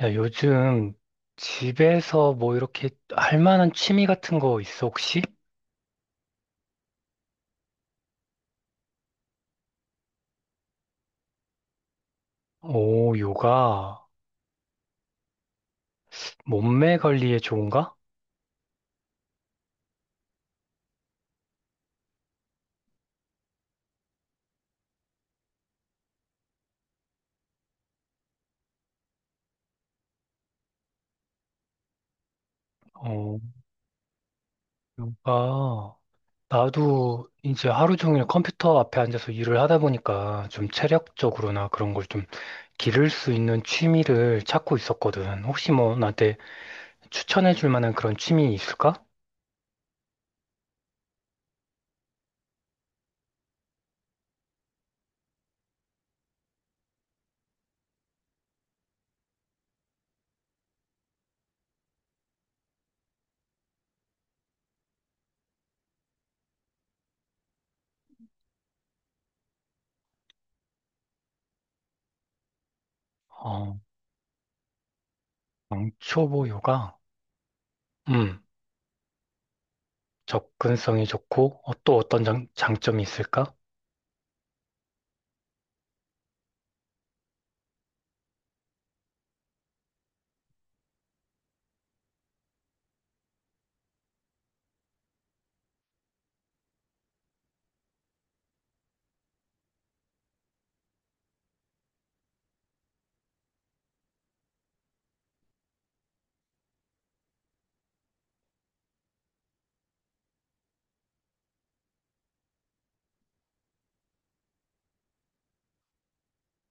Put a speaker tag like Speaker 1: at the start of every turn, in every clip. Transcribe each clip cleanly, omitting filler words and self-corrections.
Speaker 1: 야, 요즘 집에서 뭐 이렇게 할 만한 취미 같은 거 있어, 혹시? 오, 요가. 몸매 관리에 좋은가? 어, 요가. 나도 이제 하루 종일 컴퓨터 앞에 앉아서 일을 하다 보니까 좀 체력적으로나 그런 걸 좀 기를 수 있는 취미를 찾고 있었거든. 혹시 뭐 나한테 추천해 줄 만한 그런 취미 있을까? 어, 왕초보 요가. 음, 접근성이 좋고, 또 어떤 장점이 있을까?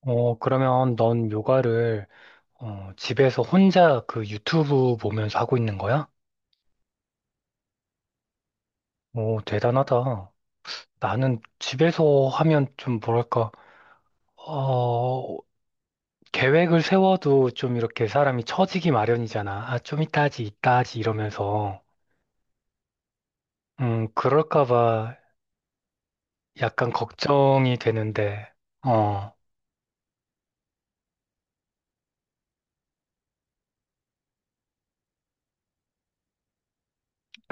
Speaker 1: 어, 그러면 넌 요가를 집에서 혼자 그 유튜브 보면서 하고 있는 거야? 오, 대단하다. 나는 집에서 하면 좀 뭐랄까, 어, 계획을 세워도 좀 이렇게 사람이 처지기 마련이잖아. 아, 좀 이따 하지, 이따 하지 이러면서. 그럴까 봐 약간 걱정이 되는데, 어,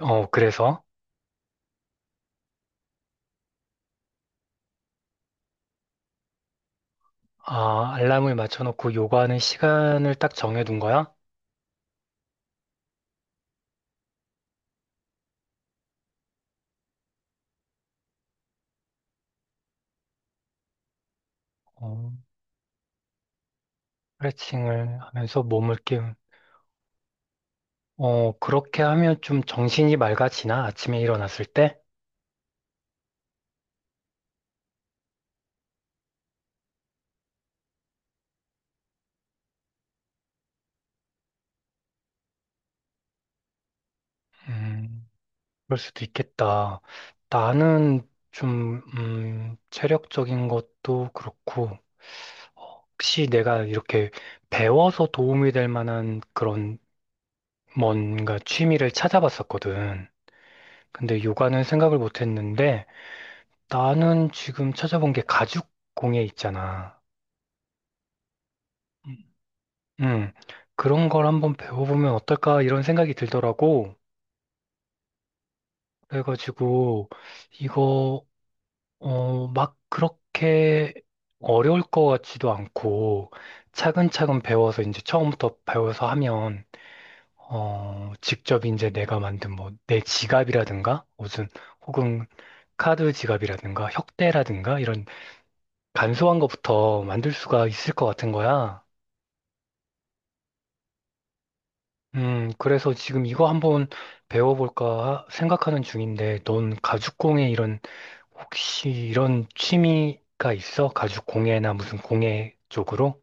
Speaker 1: 어, 그래서? 아, 알람을 맞춰놓고 요가하는 시간을 딱 정해둔 거야? 어, 스트레칭을 하면서 몸을 깨우 어, 그렇게 하면 좀 정신이 맑아지나? 아침에 일어났을 때? 음, 그럴 수도 있겠다. 나는 좀, 체력적인 것도 그렇고, 혹시 내가 이렇게 배워서 도움이 될 만한 그런 뭔가 취미를 찾아봤었거든. 근데 요가는 생각을 못 했는데, 나는 지금 찾아본 게 가죽 공예 있잖아. 음, 그런 걸 한번 배워보면 어떨까? 이런 생각이 들더라고. 그래가지고 이거 막 그렇게 어려울 것 같지도 않고 차근차근 배워서 이제 처음부터 배워서 하면 직접 이제 내가 만든 뭐 내 지갑이라든가 무슨 혹은 카드 지갑이라든가 혁대라든가 이런 간소한 것부터 만들 수가 있을 것 같은 거야. 음, 그래서 지금 이거 한번 배워볼까 생각하는 중인데 넌 가죽공예 이런 혹시 이런 취미가 있어? 가죽 공예나 무슨 공예 쪽으로?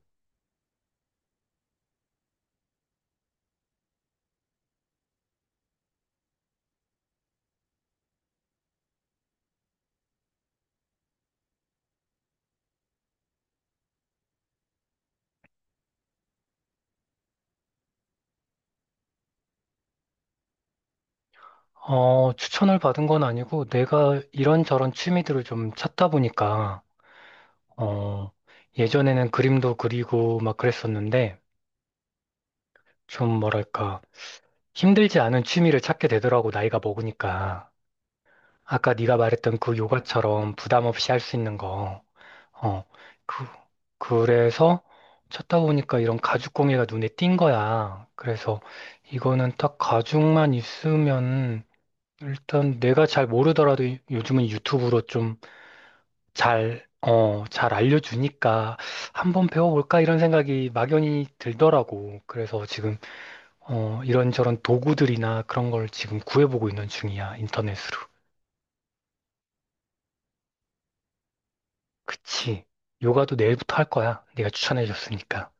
Speaker 1: 어, 추천을 받은 건 아니고 내가 이런저런 취미들을 좀 찾다 보니까 어, 예전에는 그림도 그리고 막 그랬었는데 좀 뭐랄까 힘들지 않은 취미를 찾게 되더라고 나이가 먹으니까. 아까 네가 말했던 그 요가처럼 부담 없이 할 수 있는 거. 어, 그, 그래서 찾다 보니까 이런 가죽공예가 눈에 띈 거야. 그래서 이거는 딱 가죽만 있으면 일단 내가 잘 모르더라도 요즘은 유튜브로 좀 잘 알려주니까 한번 배워볼까 이런 생각이 막연히 들더라고. 그래서 지금, 이런저런 도구들이나 그런 걸 지금 구해보고 있는 중이야. 인터넷으로. 그치. 요가도 내일부터 할 거야. 네가 추천해줬으니까.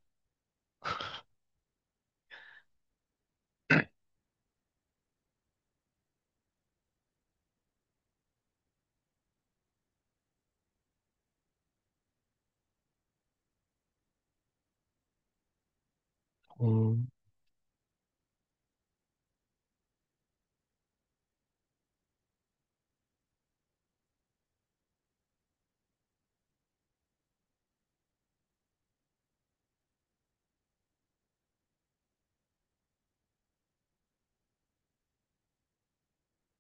Speaker 1: 음.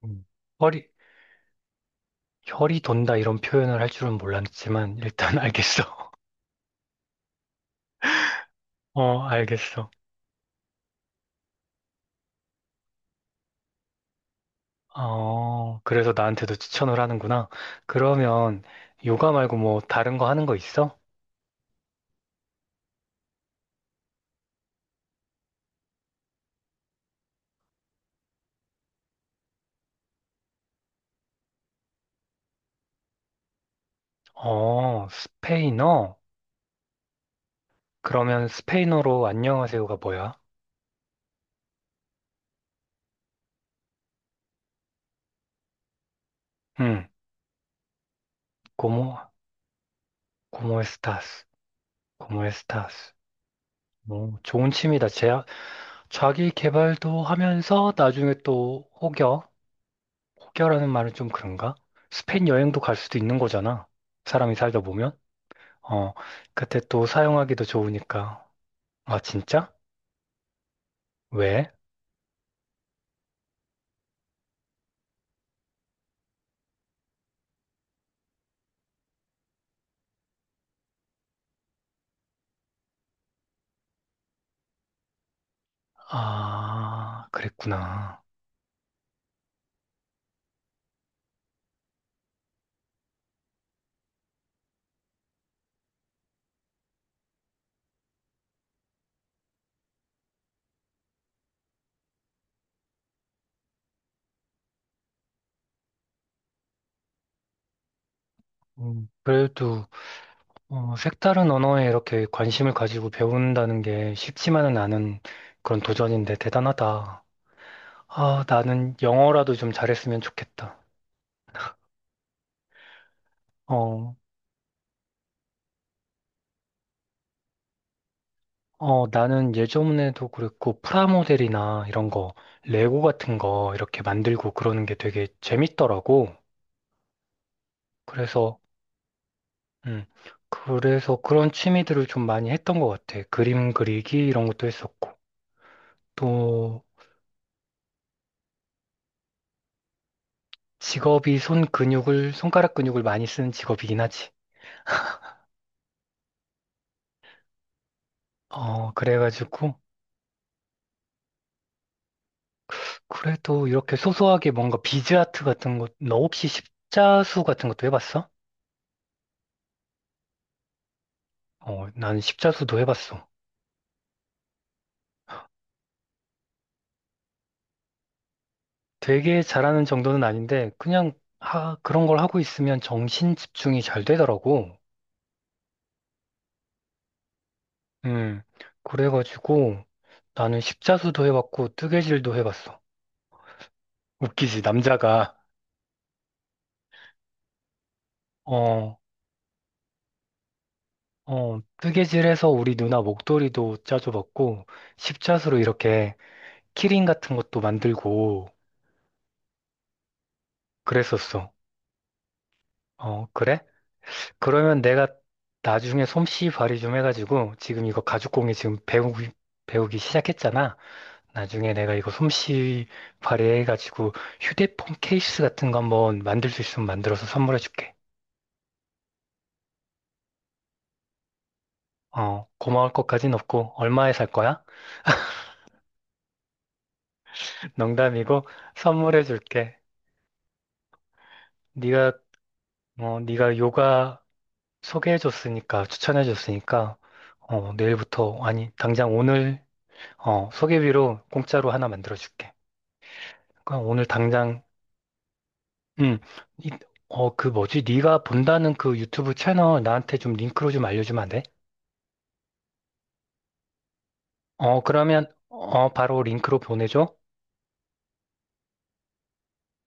Speaker 1: 음. 허리, 혈이 돈다 이런 표현을 할 줄은 몰랐지만 일단 알겠어. 어, 알겠어. 어, 그래서 나한테도 추천을 하는구나. 그러면 요가 말고 뭐 다른 거 하는 거 있어? 어, 스페인어? 그러면 스페인어로 안녕하세요가 뭐야? 응, 고모, 고모 에스타스, 고모 에스타스. 뭐, 좋은 취미다. 자기 개발도 하면서 나중에 또 혹여, 혹여라는 말은 좀 그런가? 스페인 여행도 갈 수도 있는 거잖아. 사람이 살다 보면. 어, 그때 또 사용하기도 좋으니까. 아, 진짜? 왜? 아, 그랬구나. 그래도 색다른 언어에 이렇게 관심을 가지고 배운다는 게 쉽지만은 않은 그런 도전인데 대단하다. 아, 나는 영어라도 좀 잘했으면 좋겠다. 어, 나는 예전에도 그랬고 프라모델이나 이런 거, 레고 같은 거 이렇게 만들고 그러는 게 되게 재밌더라고. 그래서 음. 그래서 그런 취미들을 좀 많이 했던 것 같아. 그림 그리기 이런 것도 했었고. 또 직업이 손가락 근육을 많이 쓰는 직업이긴 하지. 어, 그래가지고 그래도 이렇게 소소하게 뭔가 비즈 아트 같은 것, 너 혹시 십자수 같은 것도 해봤어? 어, 나는 십자수도 해봤어. 되게 잘하는 정도는 아닌데 그냥 그런 걸 하고 있으면 정신 집중이 잘 되더라고. 음, 그래가지고 나는 십자수도 해봤고 뜨개질도 해봤어. 웃기지. 남자가 어, 어, 뜨개질해서 우리 누나 목도리도 짜줘봤고 십자수로 이렇게 키링 같은 것도 만들고 그랬었어. 어, 그래? 그러면 내가 나중에 솜씨 발휘 좀 해가지고 지금 이거 가죽공예 지금 배우기 시작했잖아. 나중에 내가 이거 솜씨 발휘해가지고 휴대폰 케이스 같은 거 한번 만들 수 있으면 만들어서 선물해줄게. 어, 고마울 것까진 없고 얼마에 살 거야? 농담이고 선물해줄게. 네가 네가 요가 소개해 줬으니까 추천해 줬으니까 내일부터 아니 당장 오늘 어 소개비로 공짜로 하나 만들어 줄게. 그럼 오늘 당장 음 이, 그 뭐지? 네가 본다는 그 유튜브 채널 나한테 좀 링크로 좀 알려주면 안 돼? 그러면 바로 링크로 보내줘.